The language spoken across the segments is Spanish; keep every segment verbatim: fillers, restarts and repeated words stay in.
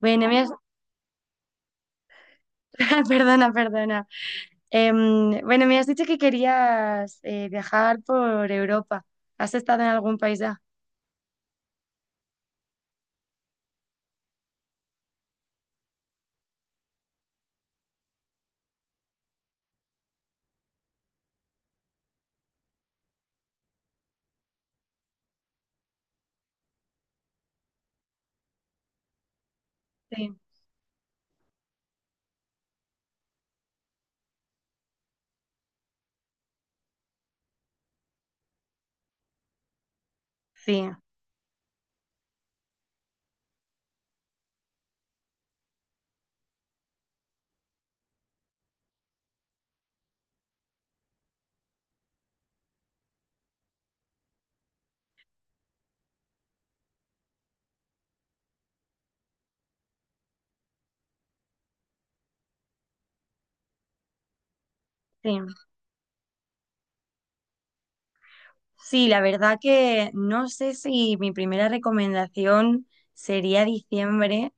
Bueno, me has... perdona, perdona. Em, bueno, me has dicho que querías eh, viajar por Europa. ¿Has estado en algún país ya? Sí, sí, sí. Sí, la verdad que no sé si mi primera recomendación sería diciembre,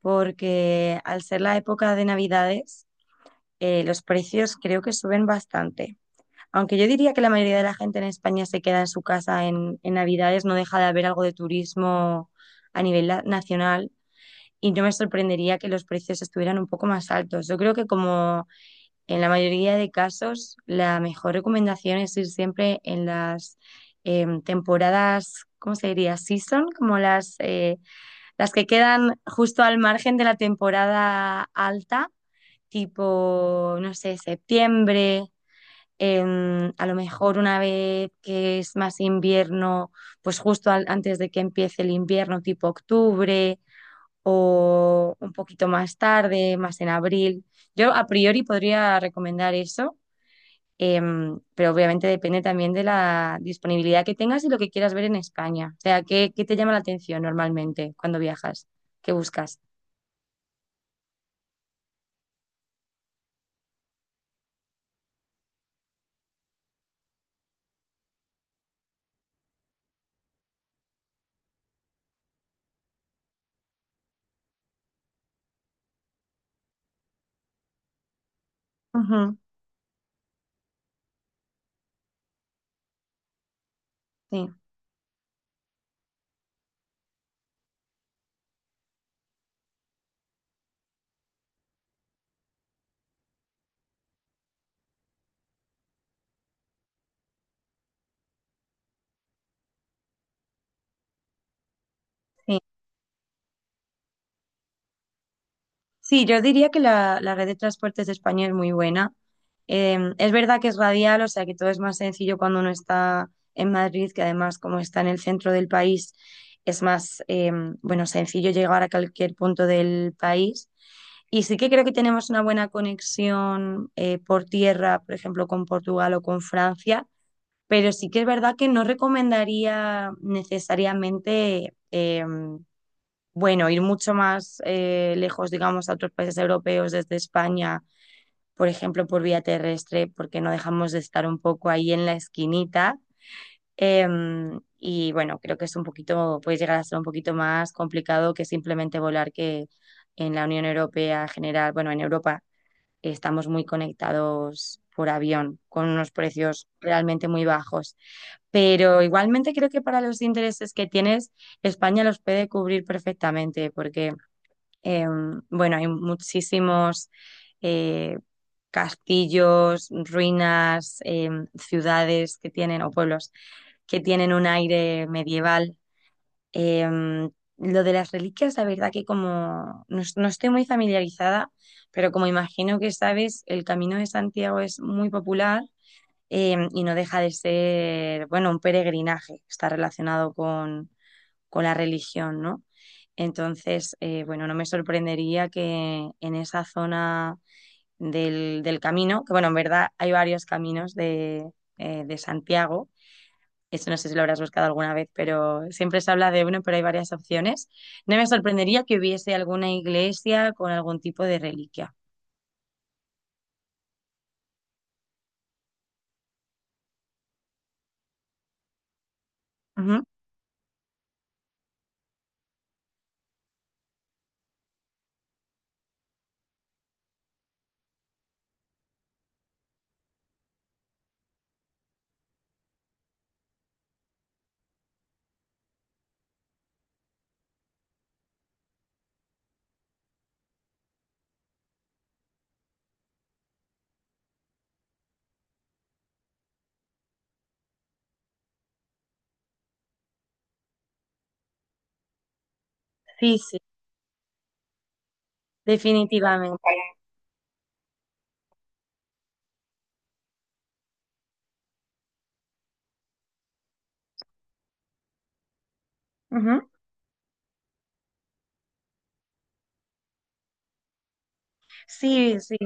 porque al ser la época de Navidades, eh, los precios creo que suben bastante. Aunque yo diría que la mayoría de la gente en España se queda en su casa en, en Navidades, no deja de haber algo de turismo a nivel la- nacional y no me sorprendería que los precios estuvieran un poco más altos. Yo creo que como en la mayoría de casos, la mejor recomendación es ir siempre en las eh, temporadas, ¿cómo se diría? Season, como las, eh, las que quedan justo al margen de la temporada alta, tipo, no sé, septiembre, em, a lo mejor una vez que es más invierno, pues justo al- antes de que empiece el invierno, tipo octubre, o un poquito más tarde, más en abril. Yo a priori podría recomendar eso, em, pero obviamente depende también de la disponibilidad que tengas y lo que quieras ver en España. O sea, ¿qué, qué te llama la atención normalmente cuando viajas? ¿Qué buscas? Ujú. Sí, sí. Sí, yo diría que la, la red de transportes de España es muy buena. Eh, es verdad que es radial, o sea que todo es más sencillo cuando uno está en Madrid, que además como está en el centro del país, es más, eh, bueno, sencillo llegar a cualquier punto del país. Y sí que creo que tenemos una buena conexión eh, por tierra, por ejemplo, con Portugal o con Francia, pero sí que es verdad que no recomendaría necesariamente, eh, bueno, ir mucho más eh, lejos, digamos, a otros países europeos desde España, por ejemplo, por vía terrestre, porque no dejamos de estar un poco ahí en la esquinita. Em, y bueno, creo que es un poquito, puede llegar a ser un poquito más complicado que simplemente volar, que en la Unión Europea en general, bueno, en Europa estamos muy conectados por avión, con unos precios realmente muy bajos. Pero igualmente creo que para los intereses que tienes, España los puede cubrir perfectamente, porque Em, bueno, hay muchísimos eh, castillos, ruinas, em, ciudades que tienen, o pueblos que tienen un aire medieval. Em, lo de las reliquias, la verdad que como no, es- no estoy muy familiarizada, pero como imagino que sabes, el Camino de Santiago es muy popular, em, y no deja de ser, bueno, un peregrinaje. Está relacionado con la religión, ¿no? Entonces, eh, bueno, no me sorprendería que en esa zona del, del camino, que bueno, en verdad hay varios caminos de, eh, de Santiago, eso no sé si lo habrás buscado alguna vez, pero siempre se habla de uno, pero hay varias opciones. No me sorprendería que hubiese alguna iglesia con algún tipo de reliquia. Ujú. Sí, sí, definitivamente. Ujú. Sí, sí.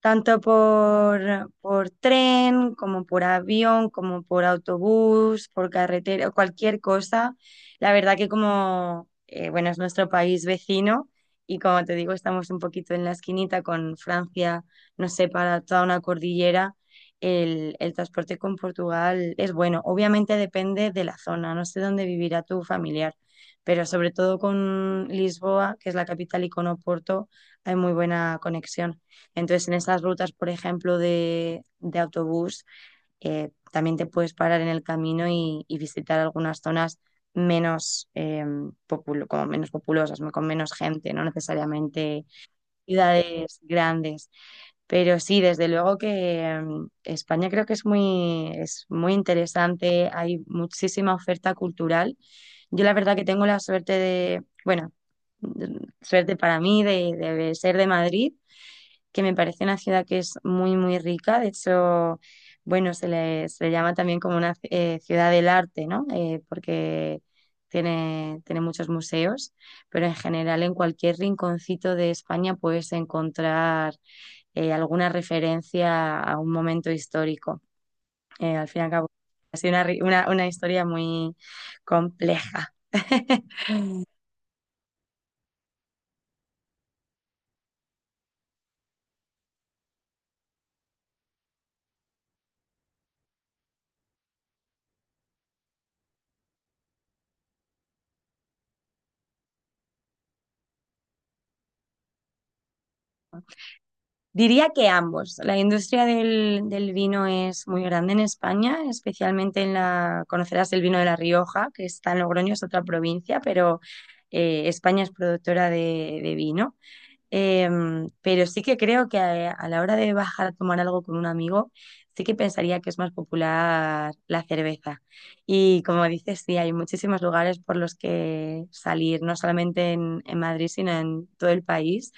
Tanto por, por tren, como por avión, como por autobús, por carretera, cualquier cosa. La verdad que como, eh, bueno, es nuestro país vecino y como te digo, estamos un poquito en la esquinita con Francia, nos separa toda una cordillera. El, el transporte con Portugal es bueno. Obviamente depende de la zona, no sé dónde vivirá tu familiar, pero sobre todo con Lisboa, que es la capital, y con Oporto, hay muy buena conexión. Entonces, en estas rutas, por ejemplo, de, de autobús, eh, también te puedes parar en el camino y, y visitar algunas zonas menos, eh, popul- como menos populosas, ¿no? Con menos gente, no necesariamente ciudades grandes. Pero sí, desde luego que mm, España creo que es muy, es muy interesante, hay muchísima oferta cultural. Yo la verdad que tengo la suerte de, bueno, mm, suerte para mí de, de ser de Madrid, que me parece una ciudad que es muy, muy rica. De hecho, bueno, se le, se le llama también como una eh, ciudad del arte, ¿no? Eh, porque tiene, tiene muchos museos, pero en general en cualquier rinconcito de España puedes encontrar eh, alguna referencia a un momento histórico. Eh, al fin y al cabo, ha sido una, ri- una una historia muy compleja. Diría que ambos. La industria del, del vino es muy grande en España, especialmente en la, conocerás el vino de La Rioja, que está en Logroño, es otra provincia, pero eh, España es productora de, de vino. Em, pero sí que creo que a, a la hora de bajar a tomar algo con un amigo, sí que pensaría que es más popular la cerveza. Y como dices, sí, hay muchísimos lugares por los que salir, no solamente en, en Madrid, sino en todo el país.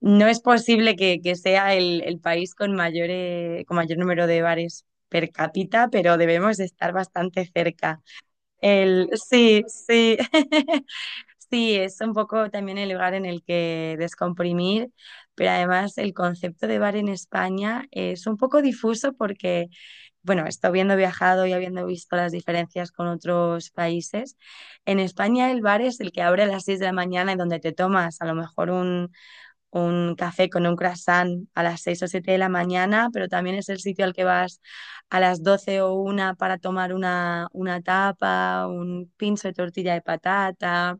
No es posible que, que sea el, el país con mayor, eh, con mayor número de bares per cápita, pero debemos de estar bastante cerca. El, sí, sí, sí, es un poco también el lugar en el que descomprimir, pero además el concepto de bar en España es un poco difuso porque, bueno, esto habiendo viajado y habiendo visto las diferencias con otros países, en España el bar es el que abre a las seis de la mañana y donde te tomas a lo mejor un un café con un croissant a las seis o siete de la mañana, pero también es el sitio al que vas a las doce o una para tomar una, una tapa, un pinzo de tortilla de patata,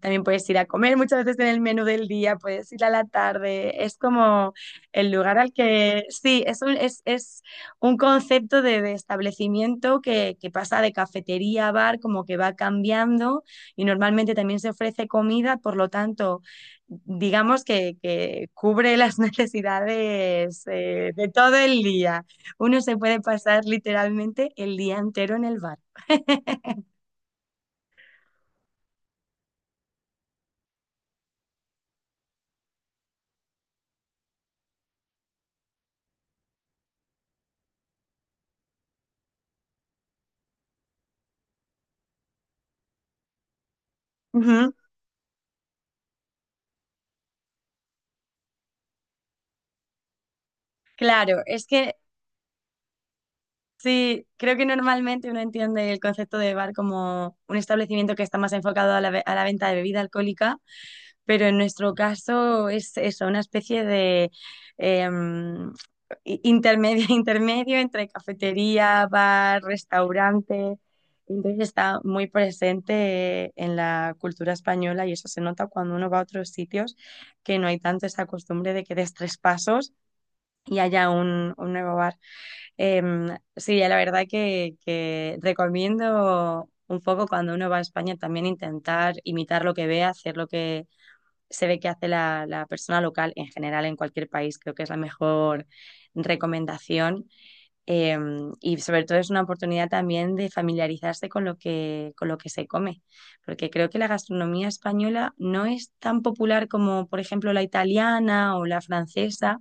también puedes ir a comer muchas veces en el menú del día, puedes ir a la tarde. Es como el lugar al que, sí, es un, es, es un concepto de, de establecimiento que, que pasa de cafetería a bar, como que va cambiando y normalmente también se ofrece comida, por lo tanto, digamos que, que cubre las necesidades eh, de todo el día. Uno se puede pasar literalmente el día entero en el bar. Ujú. Claro, es que sí, creo que normalmente uno entiende el concepto de bar como un establecimiento que está más enfocado a la, ve- a la venta de bebida alcohólica, pero en nuestro caso es eso, una especie de em, i- intermedio, intermedio entre cafetería, bar, restaurante. Entonces está muy presente en la cultura española y eso se nota cuando uno va a otros sitios que no hay tanto esa costumbre de que des tres pasos y haya un, un nuevo bar. Em, sí, la verdad que, que recomiendo un poco cuando uno va a España también intentar imitar lo que ve, hacer lo que se ve que hace la, la persona local en general en cualquier país. Creo que es la mejor recomendación. Em, y sobre todo es una oportunidad también de familiarizarse con lo que, con lo que se come, porque creo que la gastronomía española no es tan popular como, por ejemplo, la italiana o la francesa.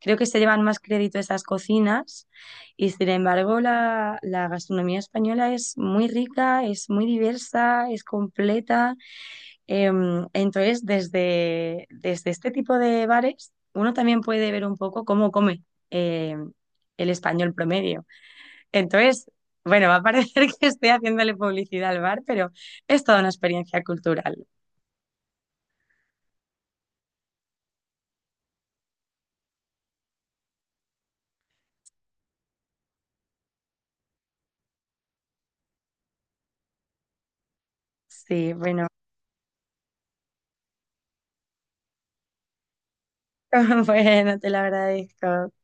Creo que se llevan más crédito esas cocinas y sin embargo la, la gastronomía española es muy rica, es muy diversa, es completa. Em, entonces, desde, desde este tipo de bares, uno también puede ver un poco cómo come em, el español promedio. Entonces, bueno, va a parecer que estoy haciéndole publicidad al bar, pero es toda una experiencia cultural. Sí, bueno, bueno, te lo agradezco.